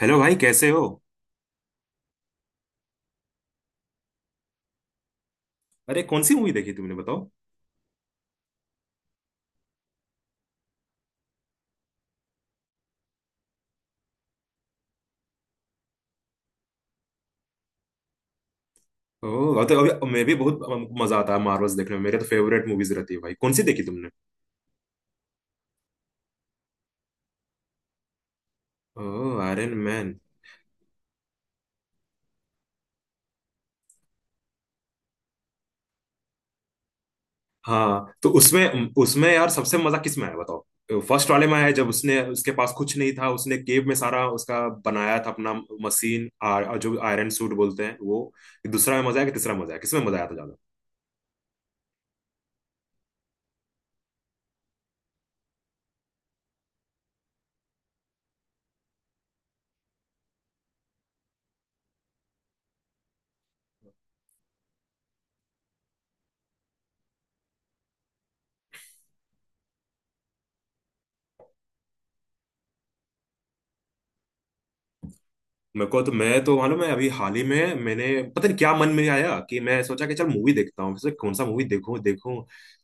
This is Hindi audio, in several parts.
हेलो भाई, कैसे हो। अरे कौन सी मूवी देखी तुमने, बताओ। ओह, तो अभी मैं भी बहुत मजा आता है मार्वल्स देखने में, मेरे तो फेवरेट मूवीज रहती है भाई। कौन सी देखी तुमने। ओह, आयरन मैन। हाँ, तो उसमें उसमें यार सबसे मजा किस में आया बताओ। फर्स्ट वाले में आया, जब उसने, उसके पास कुछ नहीं था, उसने केव में सारा उसका बनाया था अपना मशीन, जो आयरन सूट बोलते हैं वो। दूसरा में मजा आया कि तीसरा में मजा आया, किसमें मजा आया था। मेरे को तो मैं तो मालूम है, अभी हाल ही में मैंने पता नहीं क्या मन में आया कि मैं सोचा कि चल मूवी देखता हूँ, सोचा कौन सा मूवी देखूं देखूं।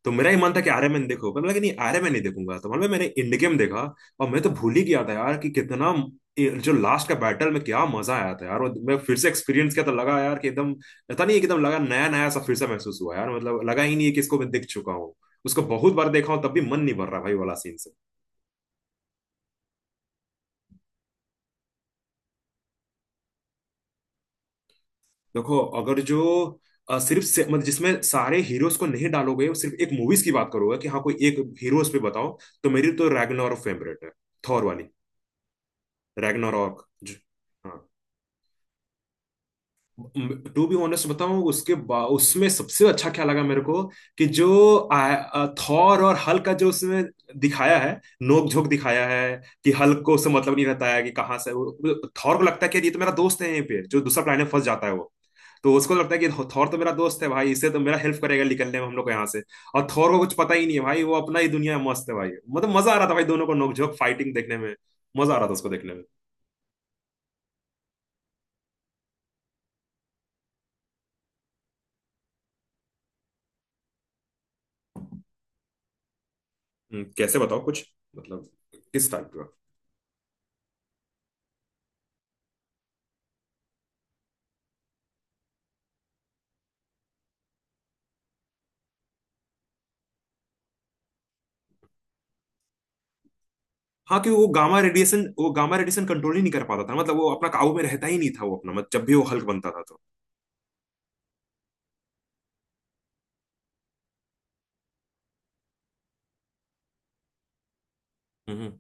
तो मेरा ही मन था कि आर्य मैन देखो, पर मैं लगा नहीं आर्य मैन नहीं देखूंगा। तो मालूम है, मैंने इंड गेम देखा। और मैं तो भूल ही गया था यार कि कितना ये जो लास्ट का बैटल, में क्या मजा आया था यार। और मैं फिर से एक्सपीरियंस किया तो लगा यार कि एकदम, पता नहीं एकदम लगा नया नया सा, फिर से महसूस हुआ यार। मतलब लगा ही नहीं है कि इसको मैं देख चुका हूँ, उसको बहुत बार देखा हूँ तब भी मन नहीं भर रहा भाई वाला सीन। देखो, अगर जो मतलब जिसमें सारे हीरोज को नहीं डालोगे और सिर्फ एक मूवीज की बात करोगे, कि हाँ कोई एक हीरोज पे बताओ। तो मेरी तो रैग्नारोक फेवरेट है, थॉर वाली। रैग्नारोक। हाँ। टू बी ऑनेस्ट बताऊं, उसमें सबसे अच्छा क्या लगा मेरे को, कि जो आ, आ, थॉर और हल्क का जो उसमें दिखाया है, नोक झोंक दिखाया है। कि हल्क को उससे मतलब नहीं रहता है कि कहाँ से। थॉर को लगता है कि ये तो मेरा दोस्त है, यहीं पे जो दूसरा प्लेनेट फंस जाता है वो। तो उसको तो लगता है कि थॉर तो मेरा दोस्त है भाई, इससे तो मेरा हेल्प करेगा निकलने में हम लोग को यहाँ से। और थॉर को कुछ पता ही नहीं है भाई, वो अपना ही दुनिया में मस्त है भाई। मतलब मजा आ रहा था भाई, दोनों को नोकझोंक फाइटिंग देखने में, मजा आ रहा था उसको देखने में। कैसे बताओ कुछ। मतलब, किस टाइप का। हाँ, कि वो गामा रेडिएशन कंट्रोल ही नहीं कर पाता था, मतलब वो अपना काबू में रहता ही नहीं था, वो अपना मतलब जब भी वो हल्क बनता था तो। हम्म।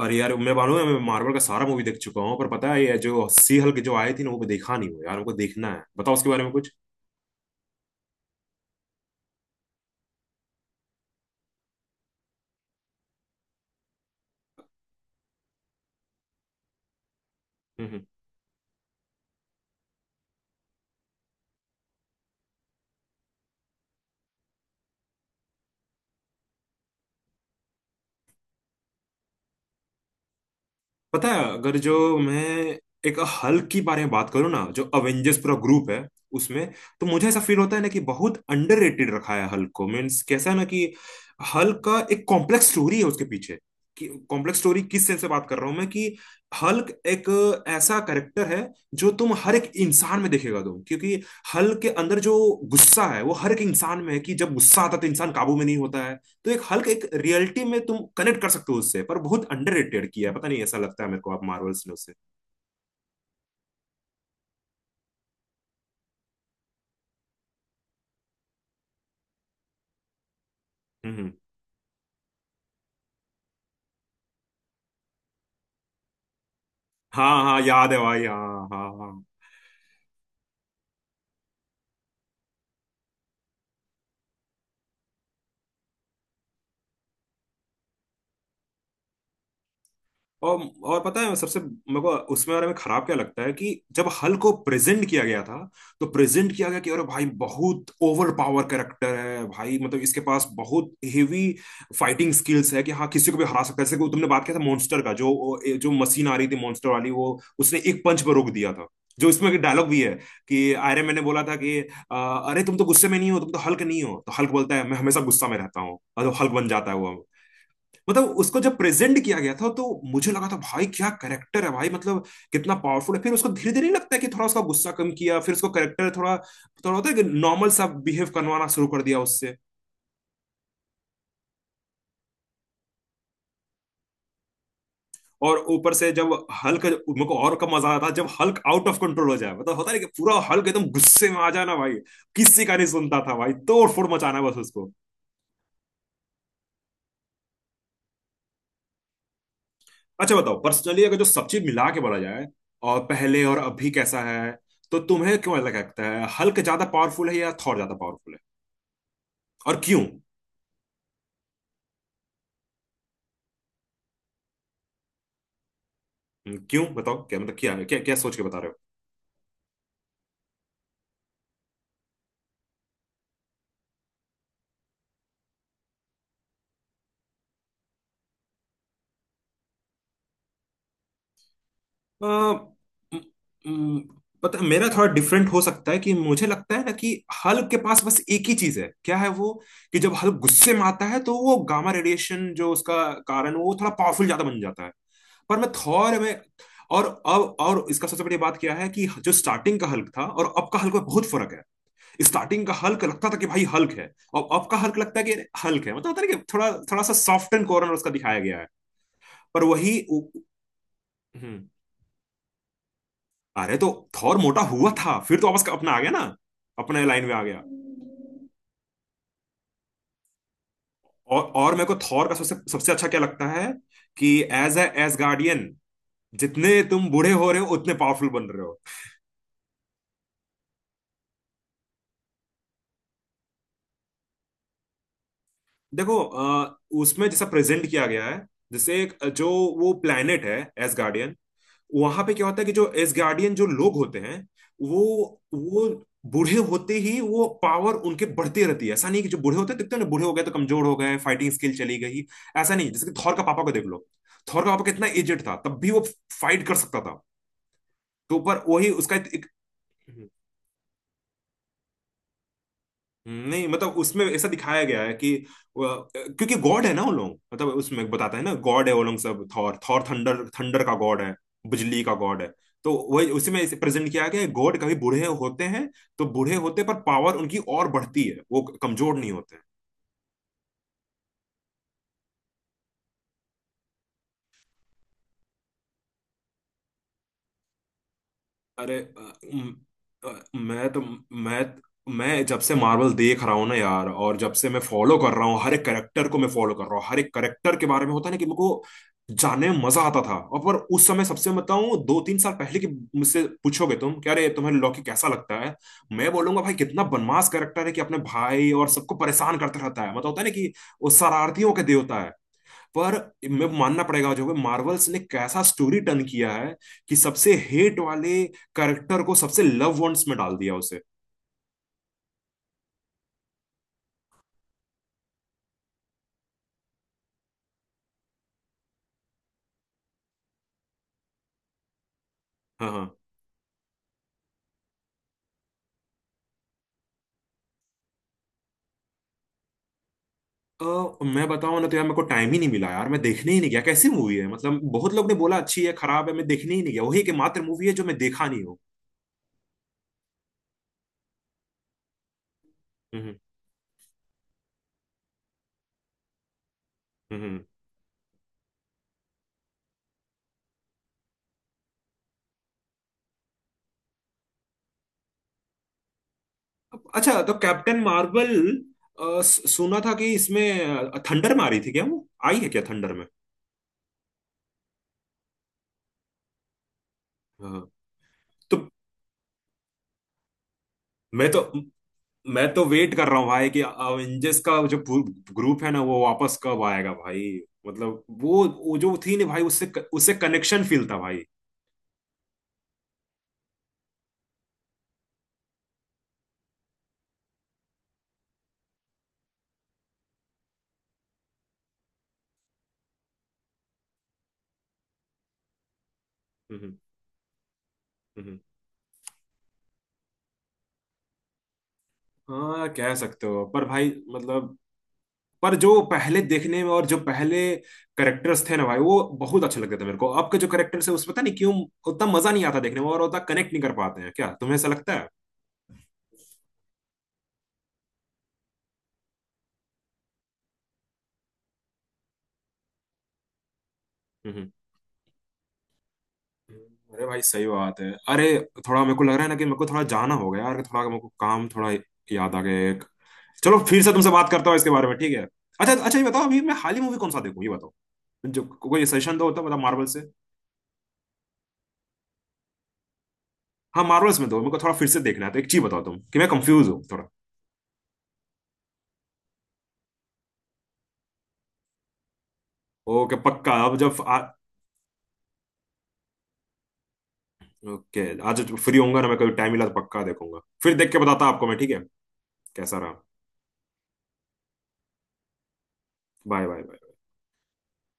अरे यार, मैं मानूं मैं मार्वल का सारा मूवी देख चुका हूँ, पर पता है ये जो सी हल्क जो आई थी ना, वो देखा नहीं हो यार, हमको देखना है, बताओ उसके बारे में कुछ। पता है, अगर जो मैं एक हल्क के बारे में बात करूँ ना, जो अवेंजर्स पूरा ग्रुप है उसमें, तो मुझे ऐसा फील होता है ना कि बहुत अंडररेटेड रखा है हल्क को। मीन्स कैसा है ना कि हल्क का एक कॉम्प्लेक्स स्टोरी है उसके पीछे। कि कॉम्प्लेक्स स्टोरी किस सेंस से बात कर रहा हूँ मैं, कि हल्क एक ऐसा कैरेक्टर है, जो तुम हर एक इंसान में देखेगा तुम, क्योंकि हल्क के अंदर जो गुस्सा है वो हर एक इंसान में है, कि जब गुस्सा आता है तो इंसान काबू में नहीं होता है। तो एक हल्क एक रियलिटी में तुम कनेक्ट कर सकते हो उससे, पर बहुत अंडररेटेड किया है, पता नहीं ऐसा लगता है मेरे को, आप मार्वल्स ने उसे। हम्म, हाँ, हाँ, याद है भाई, हाँ, हाँ, हाँ। और और पता है, सबसे मेरे को उसमें बारे में खराब क्या लगता है, कि जब हल को प्रेजेंट किया गया था, तो प्रेजेंट किया गया कि अरे भाई बहुत ओवर पावर कैरेक्टर है भाई, मतलब इसके पास बहुत हेवी फाइटिंग स्किल्स है, कि हाँ किसी को भी हरा सकता है। जैसे कि तुमने बात किया था मॉन्स्टर का जो जो मशीन आ रही थी मॉन्स्टर वाली वो, उसने एक पंच पर रोक दिया था। जो इसमें डायलॉग भी है, कि आयरन मैन ने बोला था कि अ, अरे तुम तो गुस्से में नहीं हो, तुम तो हल्क नहीं हो, तो हल्क बोलता है मैं हमेशा गुस्सा में रहता हूँ, और वो हल्क बन जाता है वो। मतलब उसको जब प्रेजेंट किया गया था तो मुझे लगा था भाई क्या करेक्टर है भाई, मतलब कितना पावरफुल है। फिर उसको धीरे धीरे लगता है कि थोड़ा उसका गुस्सा कम किया, फिर उसको करेक्टर थोड़ा थोड़ा होता है कि नॉर्मल सा बिहेव करवाना शुरू कर दिया उससे। और ऊपर से जब हल्क, मेरे को और कम मजा आया था जब हल्क आउट ऑफ कंट्रोल हो जाए, मतलब होता है ना कि पूरा हल्क एकदम गुस्से में आ जाना भाई, किसी का नहीं सुनता था भाई, तोड़ फोड़ मचाना बस उसको। अच्छा बताओ, पर्सनली अगर जो सब चीज मिला के बोला जाए, और पहले और अभी कैसा है, तो तुम्हें क्यों लगता है हल्क ज्यादा पावरफुल है या थॉर ज्यादा पावरफुल है, और क्यों। क्यों बताओ, क्या मतलब, क्या क्या क्या सोच के बता रहे हो। अ, म- पता मेरा थोड़ा डिफरेंट हो सकता है, कि मुझे लगता है ना कि हल्क के पास बस एक ही चीज है, क्या है वो, कि जब हल्क गुस्से में आता है तो वो गामा रेडिएशन जो उसका कारण, वो थोड़ा पावरफुल ज्यादा बन जाता है। पर मैं थॉर में, और अब, और इसका सबसे बड़ी बात क्या है कि जो स्टार्टिंग का हल्क था और अब का हल्क में बहुत फर्क है। स्टार्टिंग का हल्क लगता था कि भाई हल्क है, और अब का हल्क लगता है कि हल्क है, मतलब होता है ना कि थोड़ा थोड़ा सा सॉफ्ट एंड कॉर्नर उसका दिखाया गया है। पर वही। हम्म। अरे तो, थॉर मोटा हुआ था, फिर तो वापस अपना आ गया ना, अपने लाइन में आ गया। और मेरे को थॉर का सबसे सबसे अच्छा क्या लगता है, कि एज गार्डियन, जितने तुम बूढ़े हो रहे हो, उतने पावरफुल बन रहे हो। देखो, उसमें जैसा प्रेजेंट किया गया है, जैसे एक जो वो प्लेनेट है, एज गार्डियन, वहां पे क्या होता है कि जो एसगार्डियन जो लोग होते हैं, वो वो बूढ़े होते ही वो पावर उनके बढ़ती रहती है। ऐसा नहीं कि जो बूढ़े होते हैं, देखते हो ना, बूढ़े हो गए तो कमजोर हो गए, फाइटिंग स्किल चली गई। ऐसा नहीं, जैसे कि थॉर का पापा को देख लो, थॉर का पापा कितना एजेड था, तब भी वो फाइट कर सकता था। तो पर वही उसका एक, एक। नहीं, मतलब उसमें ऐसा दिखाया गया है कि वो- क्योंकि गॉड है ना वो लोग, मतलब उसमें बताता है ना गॉड है वो लोग सब, थॉर थॉर थंडर थंडर का गॉड है, बिजली का गॉड है। तो वही उसी में प्रेजेंट किया गया है, गॉड कभी बूढ़े होते हैं, तो बूढ़े होते पर पावर उनकी और बढ़ती है, वो कमजोर नहीं होते। अरे अ, मैं तो मैं मैं जब से मार्वल देख रहा हूँ ना यार, और जब से मैं फॉलो कर रहा हूँ हर एक करेक्टर को, मैं फॉलो कर रहा हूँ हर एक करेक्टर के बारे में, होता है ना कि मेरे को जानने में मजा आता था। और पर उस समय सबसे बताऊं, 2-3 साल पहले की, मुझसे पूछोगे तुम क्या, अरे तुम्हें लॉकी कैसा लगता है, मैं बोलूंगा भाई कितना बनमास करेक्टर है, कि अपने भाई और सबको परेशान करते रहता है, मतलब होता है ना कि वो शरारतियों के देवता है। पर मैं मानना पड़ेगा, जो मार्वल्स ने कैसा स्टोरी टर्न किया है, कि सबसे हेट वाले कैरेक्टर को सबसे लव वंस में डाल दिया उसे। हाँ, हाँ। मैं बताऊं ना, तो यार मेरे को टाइम ही नहीं मिला यार, मैं देखने ही नहीं गया कैसी मूवी है, मतलब बहुत लोग ने बोला अच्छी है खराब है, मैं देखने ही नहीं गया, वही एकमात्र मूवी है जो मैं देखा नहीं हूँ। हम्म, हम्म। अच्छा, तो कैप्टन मार्वल, सुना था कि इसमें थंडर में आ रही थी क्या, वो आई है क्या थंडर में। हाँ, हाँ। तो मैं तो मैं तो वेट कर रहा हूँ भाई कि अवेंजर्स का जो ग्रुप है ना, वो वापस कब आएगा भाई। मतलब वो जो थी ना भाई, उससे उससे कनेक्शन फील था भाई। हम्म, हम्म। हाँ, कह सकते हो पर भाई, मतलब पर जो पहले देखने में, और जो पहले करेक्टर्स थे ना भाई वो बहुत अच्छे लगते थे मेरे को, अब के जो करेक्टर्स है उसमें पता नहीं क्यों उतना मजा नहीं आता देखने में, और उतना कनेक्ट नहीं कर पाते हैं, क्या तुम्हें ऐसा लगता है। हम्म। अरे भाई सही बात है, अरे थोड़ा मेरे को लग रहा है ना कि मेरे को थोड़ा जाना होगा यार, थोड़ा मेरे को काम थोड़ा याद आ गया। चलो फिर से तुमसे बात करता हूँ इसके बारे में, ठीक है। अच्छा अच्छा, ये बताओ अभी मैं हाल ही मूवी कौन सा देखूँ, ये बताओ, जो कोई सजेशन दो तो बताओ मार्वल से। हाँ, मार्वल्स में दो मेरे को, थोड़ा फिर से देखना है तो एक चीज बताओ तुम, कि मैं कंफ्यूज हूँ थोड़ा। ओके पक्का, अब जब ओके, आज फ्री होऊंगा ना मैं, कभी टाइम मिला तो पक्का देखूंगा, फिर देख के बताता आपको मैं, ठीक है। कैसा रहा। Bye, bye.